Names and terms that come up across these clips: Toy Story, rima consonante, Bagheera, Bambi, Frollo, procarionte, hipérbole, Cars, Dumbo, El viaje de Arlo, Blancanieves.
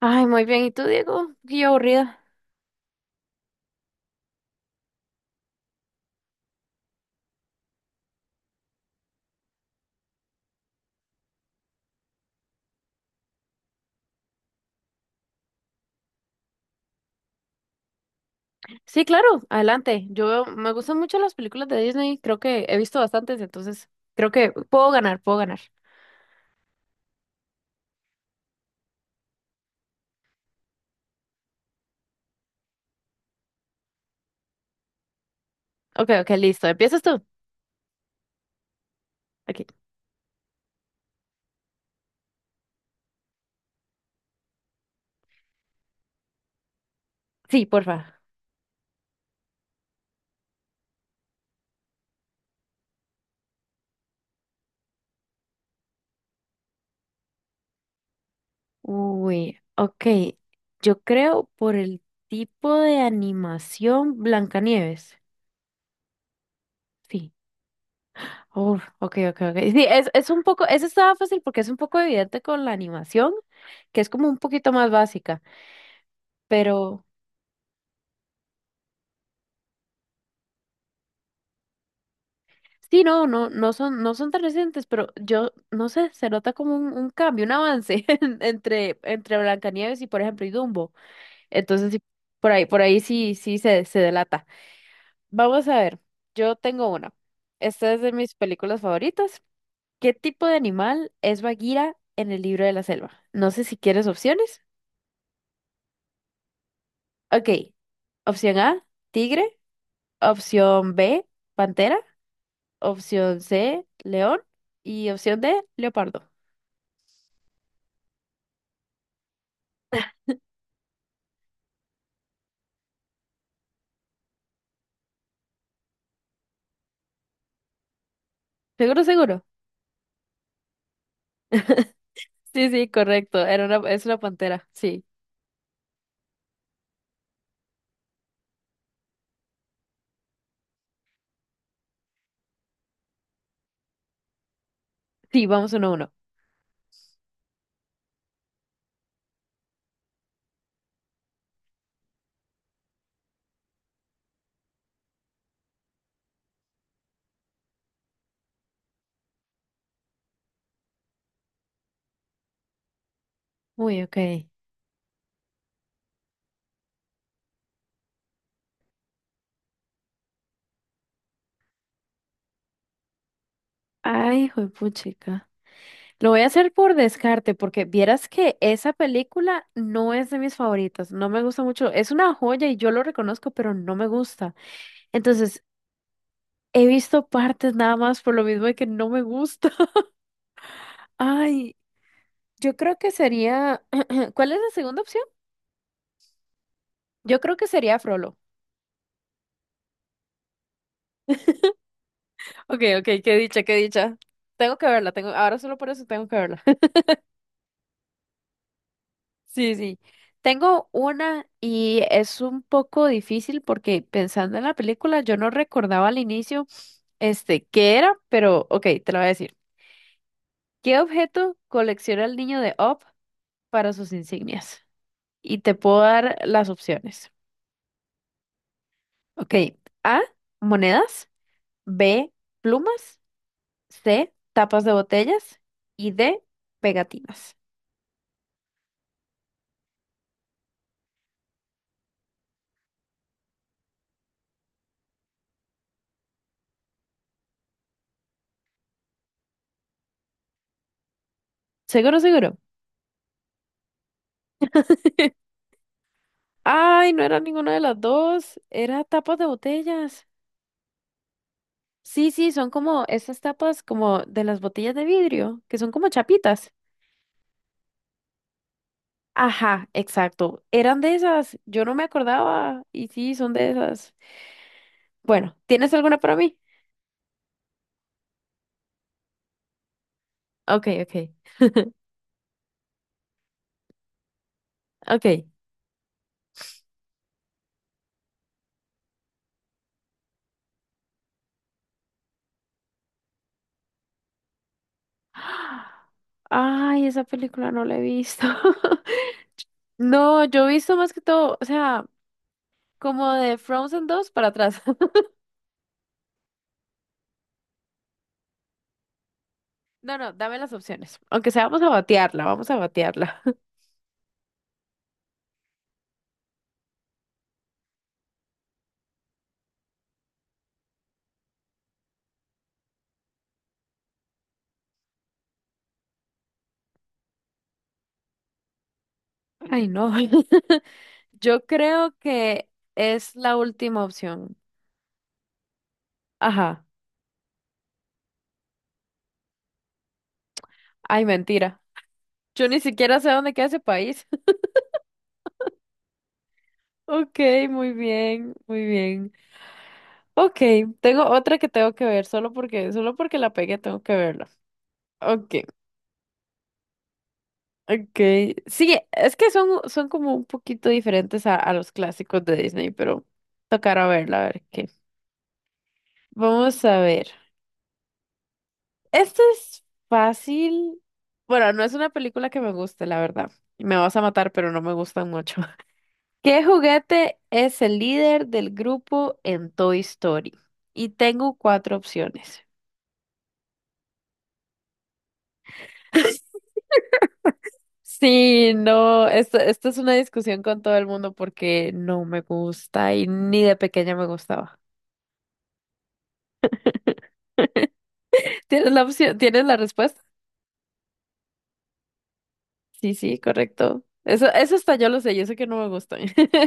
Ay, muy bien. ¿Y tú, Diego? Qué aburrida. Sí, claro, adelante. Yo me gustan mucho las películas de Disney. Creo que he visto bastantes, entonces creo que puedo ganar, puedo ganar. Ok, ok, listo. ¿Empiezas tú? Aquí. Sí, porfa. Uy, ok. Yo creo por el tipo de animación Blancanieves. Sí. Oh, ok, ok, ok. Sí, es un poco, eso estaba fácil porque es un poco evidente con la animación, que es como un poquito más básica, pero... Sí, no, no, no son tan recientes, pero yo, no sé, se nota como un cambio, un avance entre Blancanieves y, por ejemplo, y Dumbo. Entonces, sí, por ahí sí, sí se delata. Vamos a ver, yo tengo una. Esta es de mis películas favoritas. ¿Qué tipo de animal es Bagheera en el libro de la selva? No sé si quieres opciones. Ok, opción A, tigre, opción B, pantera, opción C, león y opción D, leopardo. Seguro, seguro. Sí, sí, correcto. Era una, es una pantera. Sí. Sí, vamos uno a uno. Uy, ok. Ay, chica. Lo voy a hacer por descarte, porque vieras que esa película no es de mis favoritas. No me gusta mucho. Es una joya y yo lo reconozco, pero no me gusta. Entonces, he visto partes nada más por lo mismo de que no me gusta. Ay, yo creo que sería. ¿Cuál es la segunda opción? Yo creo que sería Frollo. Ok, ok, qué dicha, qué dicha. Tengo que verla, tengo, ahora solo por eso tengo que verla. Sí, sí. Tengo una y es un poco difícil porque pensando en la película yo no recordaba al inicio este qué era, pero ok, te lo voy a decir. ¿Qué objeto colecciona el niño de Op para sus insignias? Y te puedo dar las opciones. Ok, A, monedas, B, plumas, C, tapas de botellas y D, pegatinas. Seguro, seguro. Ay, no era ninguna de las dos, era tapas de botellas. Sí, sí, son como esas tapas como de las botellas de vidrio, que son como chapitas. Ajá, exacto. Eran de esas. Yo no me acordaba. Y sí, son de esas. Bueno, ¿tienes alguna para mí? Ok, ok, ok. Ay, esa película no la he visto. No, yo he visto más que todo, o sea, como de Frozen 2 para atrás. No, no, dame las opciones. Aunque sea, vamos a batearla, vamos a batearla. Ay, no. Yo creo que es la última opción. Ajá. Ay, mentira. Yo ni siquiera sé dónde queda ese país. Ok, muy bien, muy bien. Ok, tengo otra que tengo que ver, solo porque la pegué tengo que verla. Ok, ok. Sí, es que son como un poquito diferentes a los clásicos de Disney, pero tocará verla, a ver qué. Vamos a ver. Esto es fácil. Bueno, no es una película que me guste, la verdad. Y me vas a matar, pero no me gustan mucho. ¿Qué juguete es el líder del grupo en Toy Story? Y tengo cuatro opciones. Sí, no, esto es una discusión con todo el mundo porque no me gusta y ni de pequeña me gustaba. ¿Tienes la opción? ¿Tienes la respuesta? Sí, sí, correcto. Eso hasta yo lo sé, yo sé que no me gustan.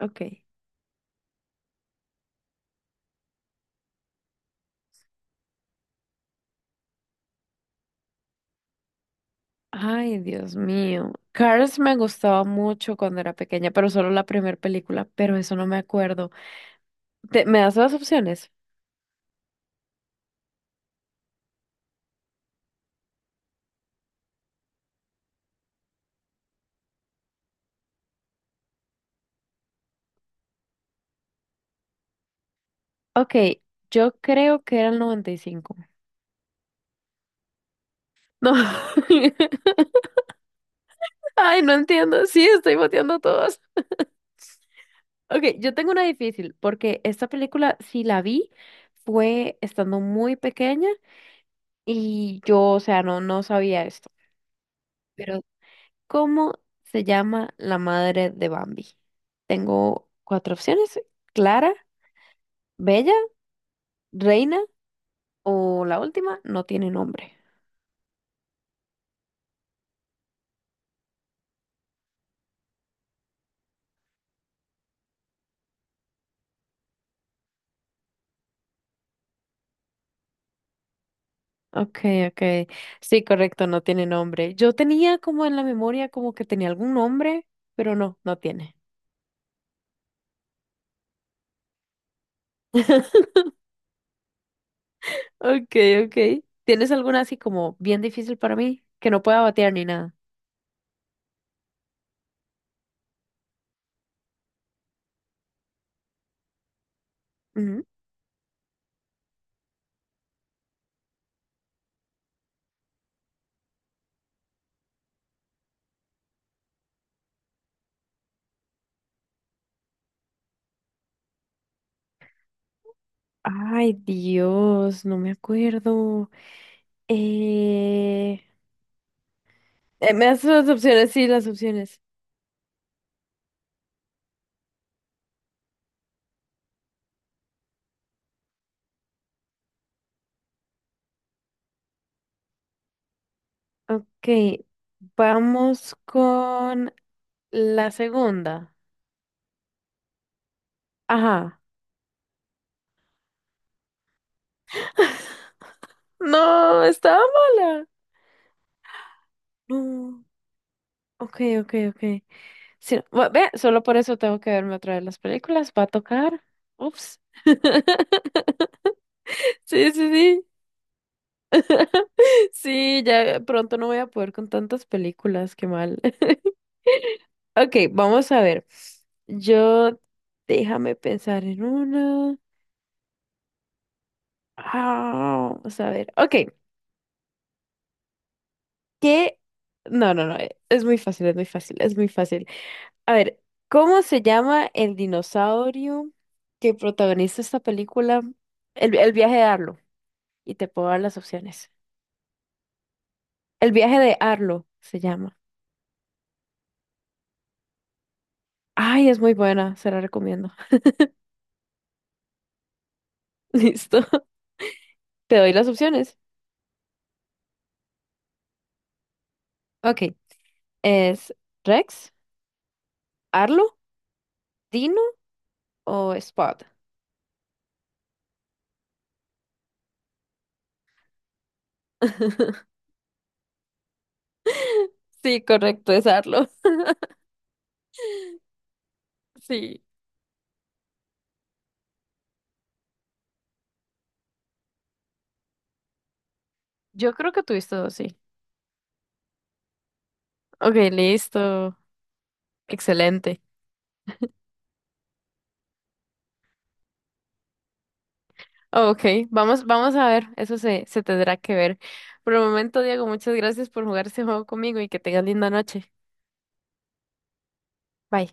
Ok. Ay, Dios mío. Cars me gustaba mucho cuando era pequeña, pero solo la primera película, pero eso no me acuerdo. ¿Te- ¿me das las opciones? Ok, yo creo que era el 95. No. Ay, no entiendo. Sí, estoy boteando a todos. Ok, yo tengo una difícil, porque esta película, si la vi, fue estando muy pequeña y yo, o sea, no, no sabía esto. Pero, ¿cómo se llama la madre de Bambi? Tengo cuatro opciones. Clara, Bella, Reina o la última, no tiene nombre. Okay, okay. Sí, correcto, no tiene nombre. Yo tenía como en la memoria como que tenía algún nombre, pero no, no tiene. Okay, okay. ¿Tienes alguna así como bien difícil para mí que no pueda batear ni nada? Ujú. Ay, Dios, no me acuerdo. Eh, me das las opciones, sí, las opciones. Okay, vamos con la segunda. Ajá. No, estaba mala. No. Okay, okay, ok. Sí, bu- ve, solo por eso tengo que verme otra vez las películas. Va a tocar. Ups. Sí, sí, sí. Sí, ya pronto no voy a poder con tantas películas, qué mal. Ok, vamos a ver. Yo, déjame pensar en una. Ah, vamos a ver. Ok, ¿qué? No, no, no, es muy fácil, es muy fácil, es muy fácil. A ver, ¿cómo se llama el dinosaurio que protagoniza esta película? El viaje de Arlo. Y te puedo dar las opciones. El viaje de Arlo se llama. Ay, es muy buena, se la recomiendo. Listo. Te doy las opciones. Ok. ¿Es Rex, Arlo, Dino o Spot? Sí, correcto, es Arlo. Sí. Yo creo que tuviste dos, sí. Ok, listo. Excelente. Ok, vamos, vamos a ver, eso se, se tendrá que ver. Por el momento, Diego, muchas gracias por jugar este juego conmigo y que tengas linda noche. Bye.